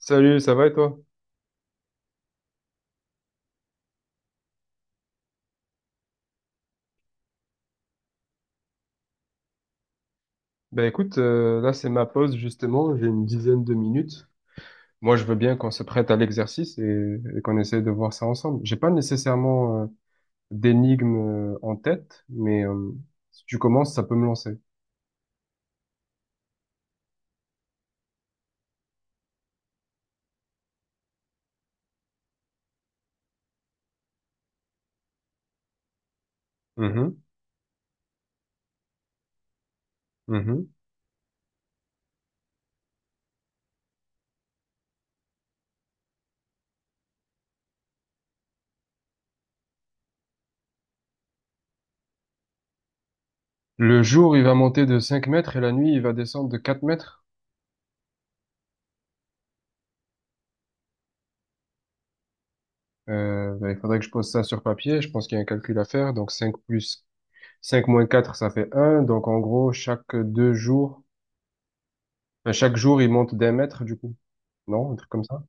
Salut, ça va et toi? Ben écoute, là c'est ma pause justement, j'ai une dizaine de minutes. Moi je veux bien qu'on se prête à l'exercice et qu'on essaie de voir ça ensemble. J'ai pas nécessairement d'énigme en tête, mais si tu commences, ça peut me lancer. Mhm, mhm. Le jour il va monter de 5 mètres et la nuit il va descendre de 4 mètres. Ben, il faudrait que je pose ça sur papier, je pense qu'il y a un calcul à faire. Donc 5 plus 5 moins 4 ça fait un, donc en gros chaque 2 jours. À chaque jour, il monte d'1 mètre, du coup. Non, un truc comme ça.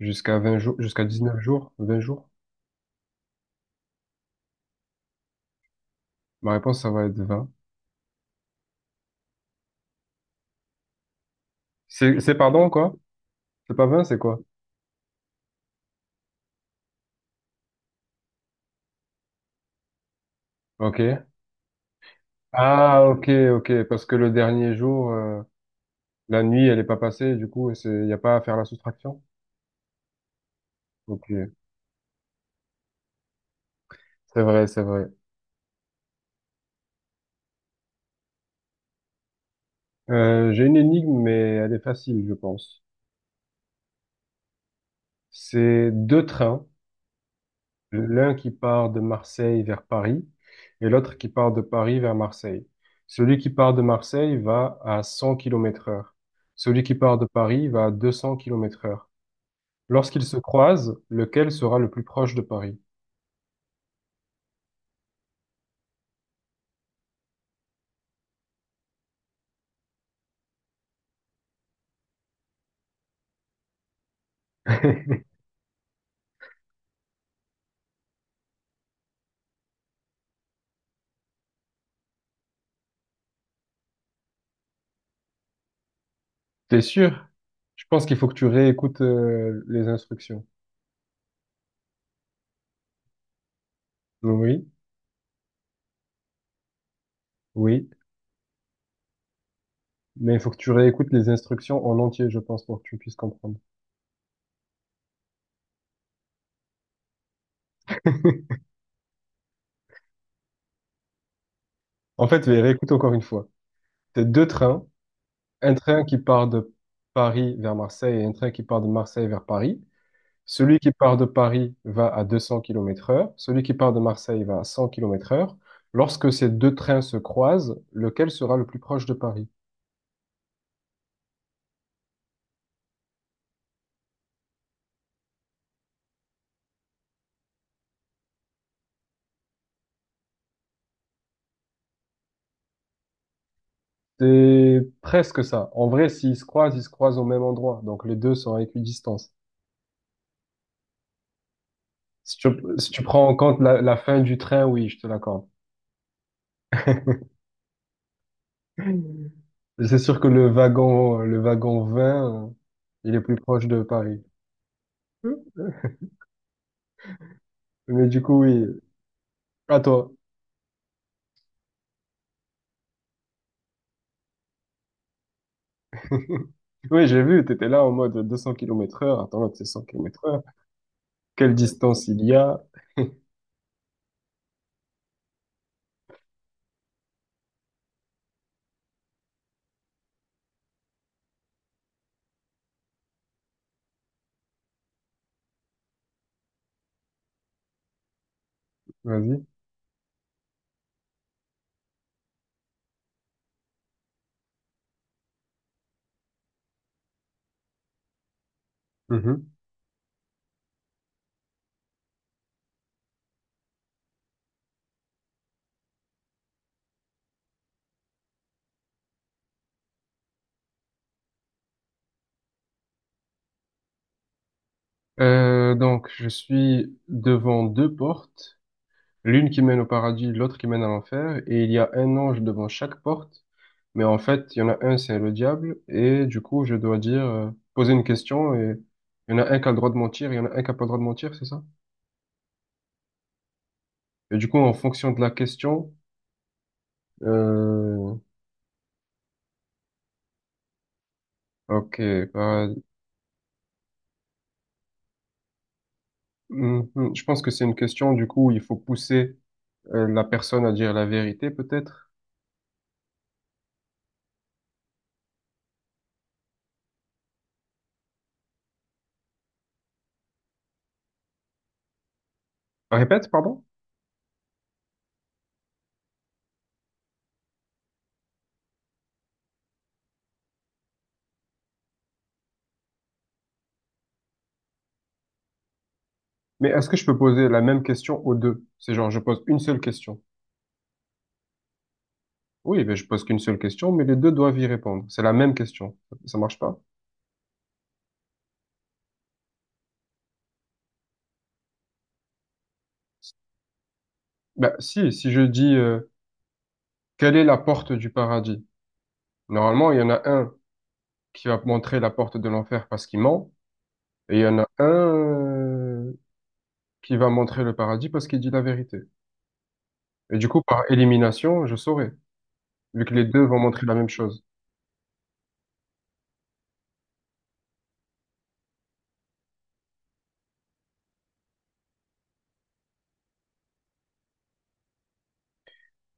Jusqu'à 20 jours, jusqu'à 19 jours, 20 jours. Ma réponse, ça va être 20. C'est pardon, quoi? C'est pas 20, c'est quoi? Ok. Ah, ok, ok. Parce que le dernier jour, la nuit, elle est pas passée, du coup, il n'y a pas à faire la soustraction. Ok. C'est vrai, c'est vrai. J'ai une énigme, mais elle est facile, je pense. C'est deux trains. L'un qui part de Marseille vers Paris et l'autre qui part de Paris vers Marseille. Celui qui part de Marseille va à 100 km heure. Celui qui part de Paris va à 200 km heure. Lorsqu'ils se croisent, lequel sera le plus proche de Paris? T'es sûr? Je pense qu'il faut que tu réécoutes les instructions. Oui, oui, mais il faut que tu réécoutes les instructions en entier, je pense, pour que tu puisses comprendre. En fait, mais réécoute encore une fois. T'as deux trains, un train qui part de Paris vers Marseille et un train qui part de Marseille vers Paris. Celui qui part de Paris va à 200 km heure. Celui qui part de Marseille va à 100 km heure. Lorsque ces deux trains se croisent, lequel sera le plus proche de Paris? C'est presque ça. En vrai, s'ils se croisent, ils se croisent au même endroit. Donc les deux sont à équidistance. Si tu, si tu prends en compte la fin du train, oui, je te l'accorde. C'est sûr que le wagon 20, il est plus proche de Paris. Mais du coup, oui. À toi. Oui, j'ai vu, t'étais là en mode 200 km heure. Attends, c'est 100 km heure. Quelle distance il y a? Vas-y. Mhm. Donc, je suis devant deux portes. L'une qui mène au paradis, l'autre qui mène à l'enfer. Et il y a un ange devant chaque porte. Mais en fait, il y en a un, c'est le diable. Et du coup, je dois dire, poser une question. Et il y en a un qui a le droit de mentir, il y en a un qui a pas le droit de mentir, c'est ça? Et du coup, en fonction de la question, euh, ok, bah. Mhm. Je pense que c'est une question, du coup, où il faut pousser la personne à dire la vérité, peut-être. Répète, pardon? Mais est-ce que je peux poser la même question aux deux? C'est genre, je pose une seule question. Oui, mais je pose qu'une seule question, mais les deux doivent y répondre. C'est la même question. Ça marche pas? Ben, si je dis, quelle est la porte du paradis? Normalement, il y en a un qui va montrer la porte de l'enfer parce qu'il ment, et il y en a un qui va montrer le paradis parce qu'il dit la vérité. Et du coup, par élimination, je saurai, vu que les deux vont montrer la même chose.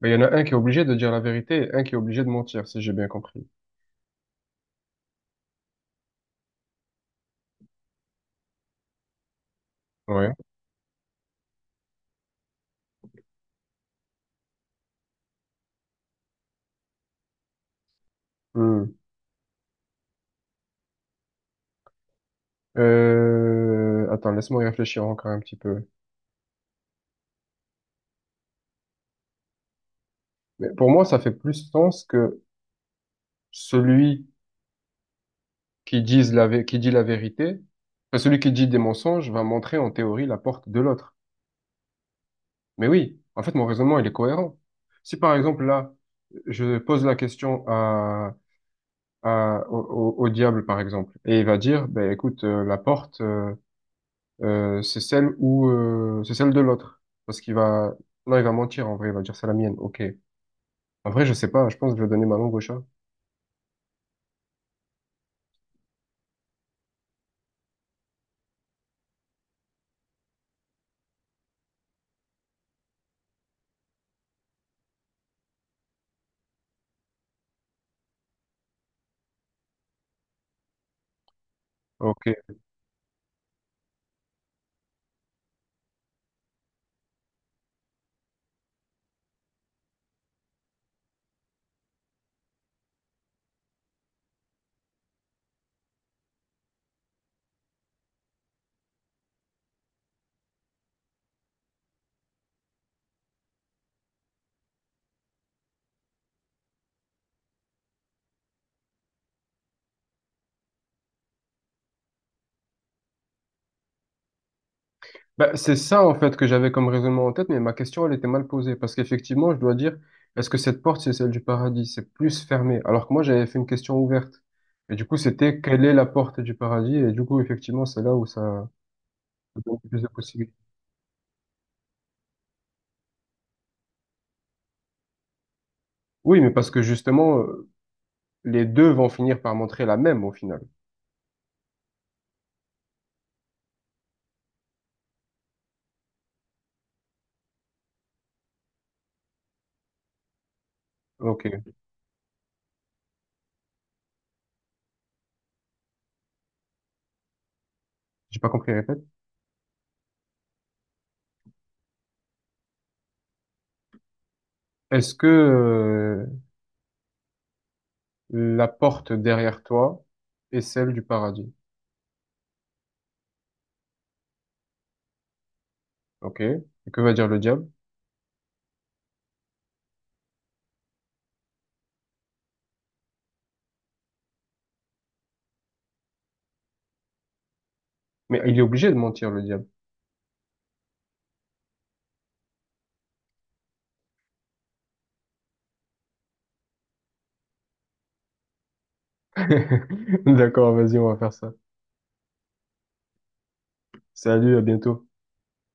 Mais il y en a un qui est obligé de dire la vérité et un qui est obligé de mentir, si j'ai bien compris. Ouais. Hmm. Attends, laisse-moi y réfléchir encore un petit peu. Mais pour moi, ça fait plus sens que celui qui dit la vérité, enfin, celui qui dit des mensonges va montrer en théorie la porte de l'autre. Mais oui, en fait, mon raisonnement, il est cohérent. Si par exemple, là, je pose la question au diable, par exemple, et il va dire, ben écoute, la porte, c'est celle où c'est celle de l'autre. Parce qu'il va non, il va mentir en vrai, il va dire c'est la mienne. Ok. En vrai, je sais pas, je pense que je vais donner ma langue au chat. Ok. Ben, c'est ça en fait que j'avais comme raisonnement en tête, mais ma question elle était mal posée parce qu'effectivement je dois dire est-ce que cette porte c'est celle du paradis? C'est plus fermé. Alors que moi j'avais fait une question ouverte. Et du coup c'était quelle est la porte du paradis? Et du coup effectivement c'est là où ça donne plus de possibilités. Oui, mais parce que justement les deux vont finir par montrer la même au final. Ok, j'ai pas compris, répète. Est-ce que la porte derrière toi est celle du paradis? Ok. Et que va dire le diable? Mais il est obligé de mentir le diable. D'accord, vas-y, on va faire ça. Salut, à bientôt.